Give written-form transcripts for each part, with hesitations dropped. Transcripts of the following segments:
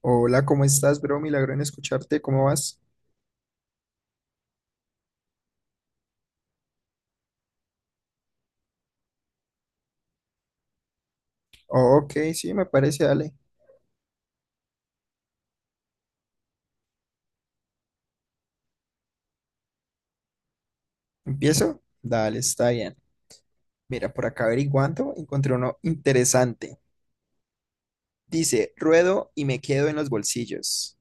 Hola, ¿cómo estás, bro? Milagro en escucharte, ¿cómo vas? Oh, ok, sí, me parece, dale. ¿Empiezo? Dale, está bien. Mira, por acá averiguando, encontré uno interesante. Dice, ruedo y me quedo en los bolsillos.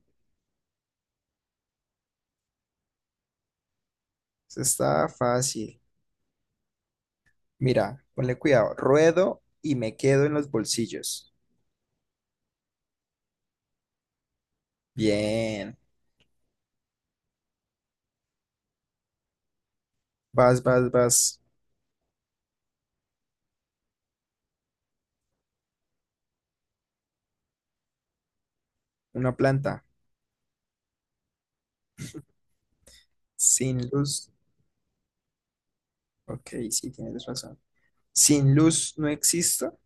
Eso está fácil. Mira, ponle cuidado. Ruedo y me quedo en los bolsillos. Bien. Vas, vas, vas. Una planta. Sin luz. Ok, sí, tienes razón. Sin luz no existo.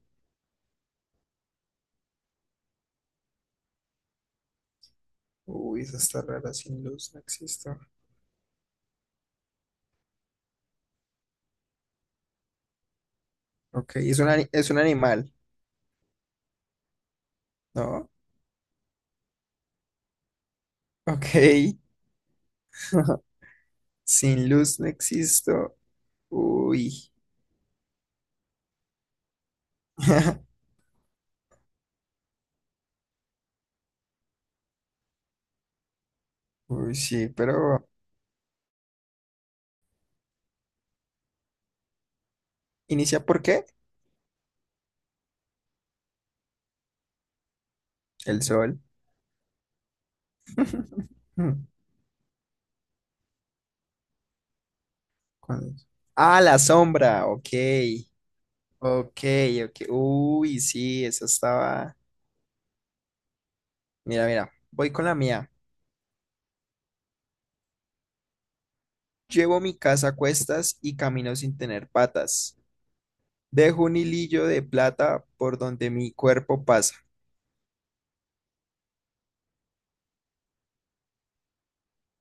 Uy, eso está rara. Sin luz no existo. Ok, es un animal, ¿no? Ok. Sin luz no existo. Uy. Uy, sí, pero ¿inicia por qué? El sol. Hmm, ¿cuál es? Ah, la sombra. Ok. Ok, ok. Uy, sí, esa estaba. Mira, mira. Voy con la mía. Llevo mi casa a cuestas y camino sin tener patas. Dejo un hilillo de plata por donde mi cuerpo pasa.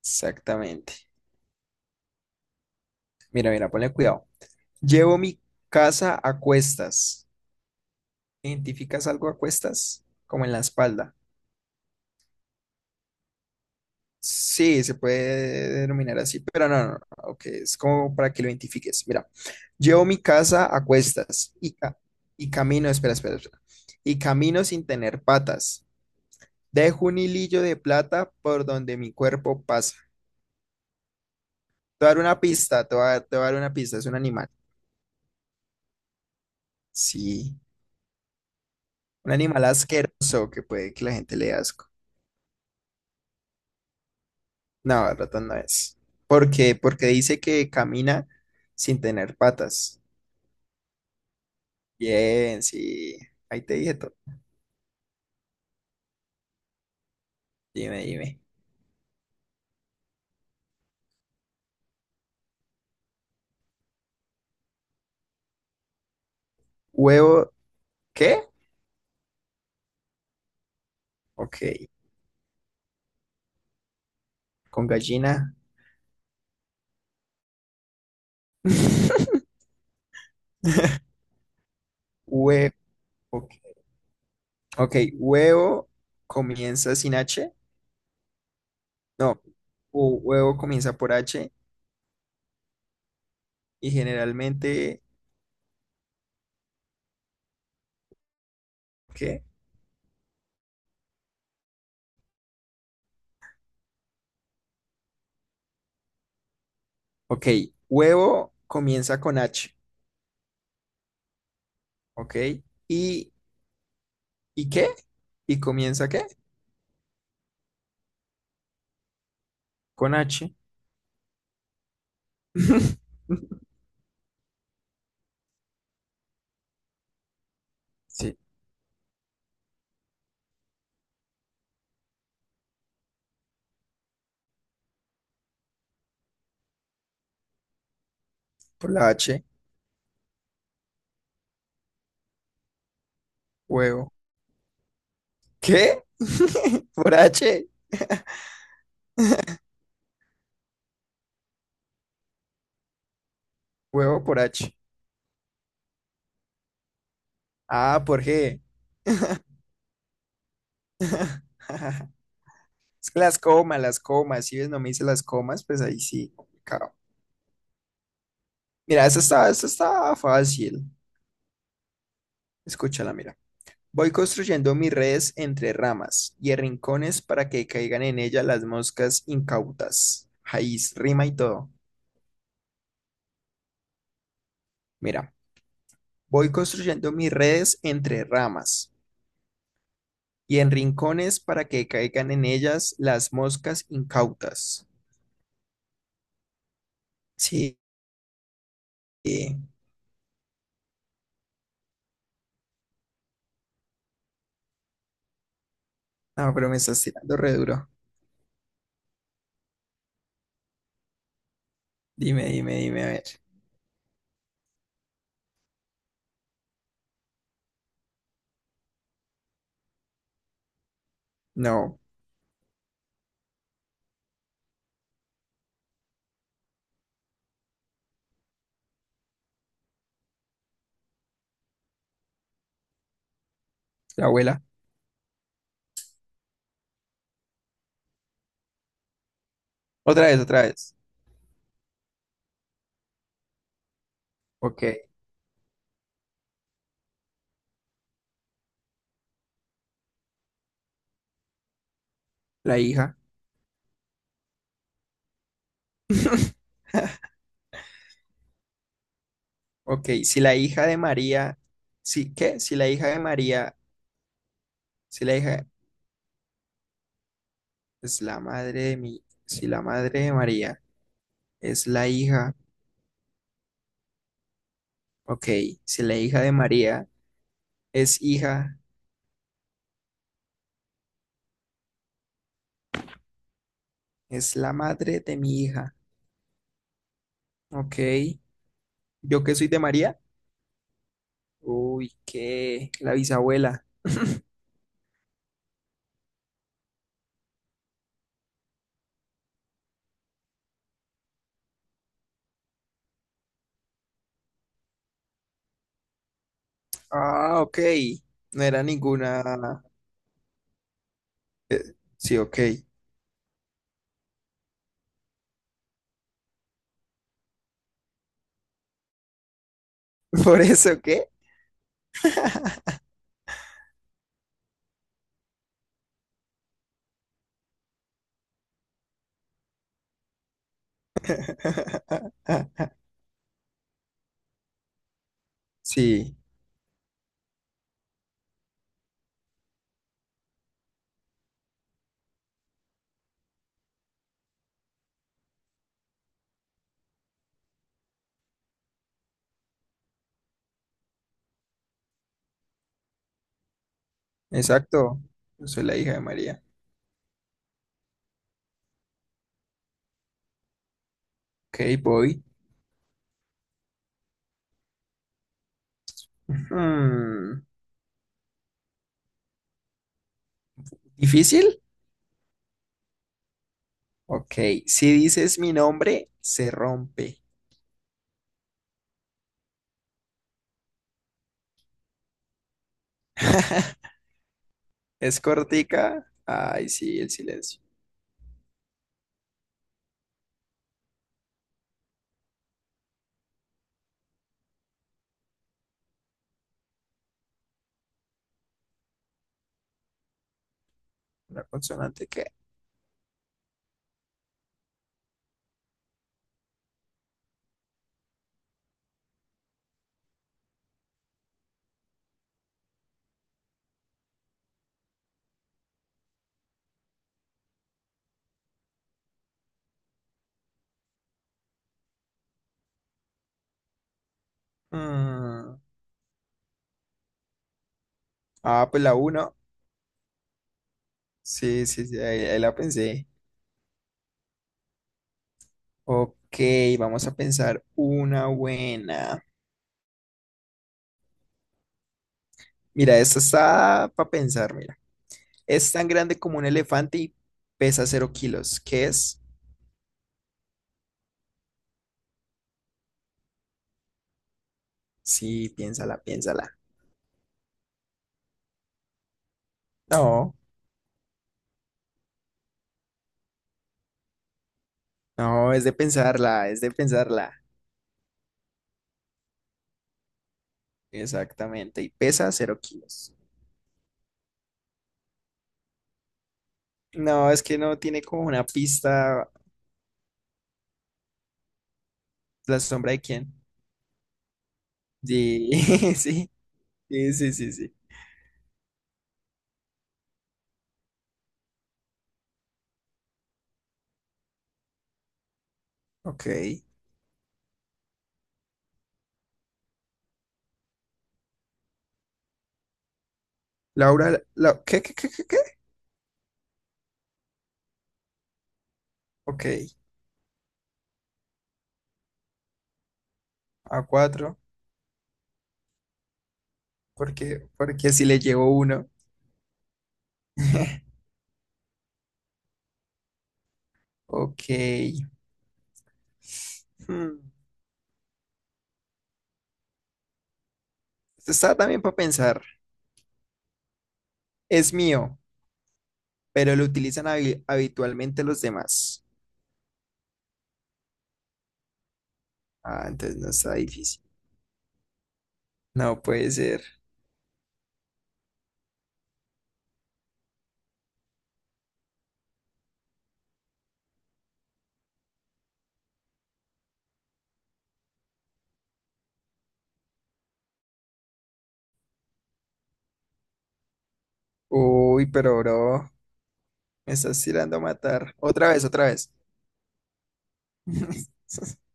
Exactamente. Mira, mira, ponle cuidado. Llevo mi casa a cuestas. ¿Identificas algo a cuestas? Como en la espalda. Sí, se puede denominar así, pero no, no, no, ok, es como para que lo identifiques. Mira, llevo mi casa a cuestas y, ca- y camino, espera, espera, espera, y camino sin tener patas. Dejo un hilillo de plata por donde mi cuerpo pasa. Te voy a dar una pista, te voy a dar una pista, es un animal. Sí, un animal asqueroso que puede que la gente le dé asco. No, ratón no es. ¿Por qué? Porque dice que camina sin tener patas. Bien, sí. Ahí te dije todo. Dime, dime. ¿Huevo qué? Ok. Con gallina. Hue ok. Ok, huevo comienza sin H. No. Huevo comienza por H. Y generalmente, ¿qué? Ok. Huevo comienza con H. Ok. ¿Y, y qué? ¿Y comienza qué? Con H. Sí, por la H, huevo. ¿Qué? ¿Por H? Huevo por H. Ah, por G. Es que las comas, las comas. Si ves, no me hice las comas, pues ahí sí, complicado. Mira, esta está fácil. Escúchala, mira. Voy construyendo mis redes entre ramas y en rincones para que caigan en ella las moscas incautas. Ahí rima y todo. Mira, voy construyendo mis redes entre ramas y en rincones para que caigan en ellas las moscas incautas. Sí, sí. No, pero me estás tirando re duro. Dime, dime, dime, a ver. No, la abuela. Otra vez, otra vez. Ok, la hija. Ok, si la hija de María, sí, ¿qué? Si la hija de María, si la hija es la madre de mi, si la madre de María es la hija, ok, si la hija de María es hija, es la madre de mi hija, ok, yo que soy de María. Uy, ¿qué? La bisabuela. Ah, ok. No era ninguna. Sí, ok. ¿Por eso qué? Sí, exacto. Yo soy la hija de María. Ok, voy. Hmm, ¿difícil? Ok. Si dices mi nombre, se rompe. ¿Es cortica? Ay, sí, el silencio. ¿Una consonante qué? Mm, ah, pues la uno. Sí, sí, sí, ahí, ahí la pensé. Ok, vamos a pensar una buena. Mira, esta está para pensar, mira. Es tan grande como un elefante y pesa 0 kilos. ¿Qué es? Sí, piénsala, piénsala. No, no, es de pensarla, es de pensarla. Exactamente, y pesa 0 kilos. No, es que no tiene como una pista la sombra de quién. Sí, sí, sí, sí, sí, sí. Ok, Laura, la, ¿qué, qué, qué, qué, qué? Ok, a cuatro, porque, porque si le llegó uno. Ok. Hmm, esto está también para pensar. Es mío, pero lo utilizan habitualmente los demás. Ah, entonces no está difícil. No puede ser. Uy, pero bro, me estás tirando a matar. Otra vez, otra vez.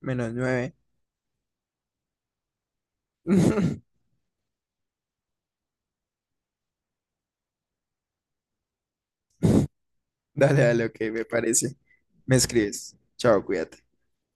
Menos nueve. Dale, dale, ok, me parece. Me escribes. Chao, cuídate.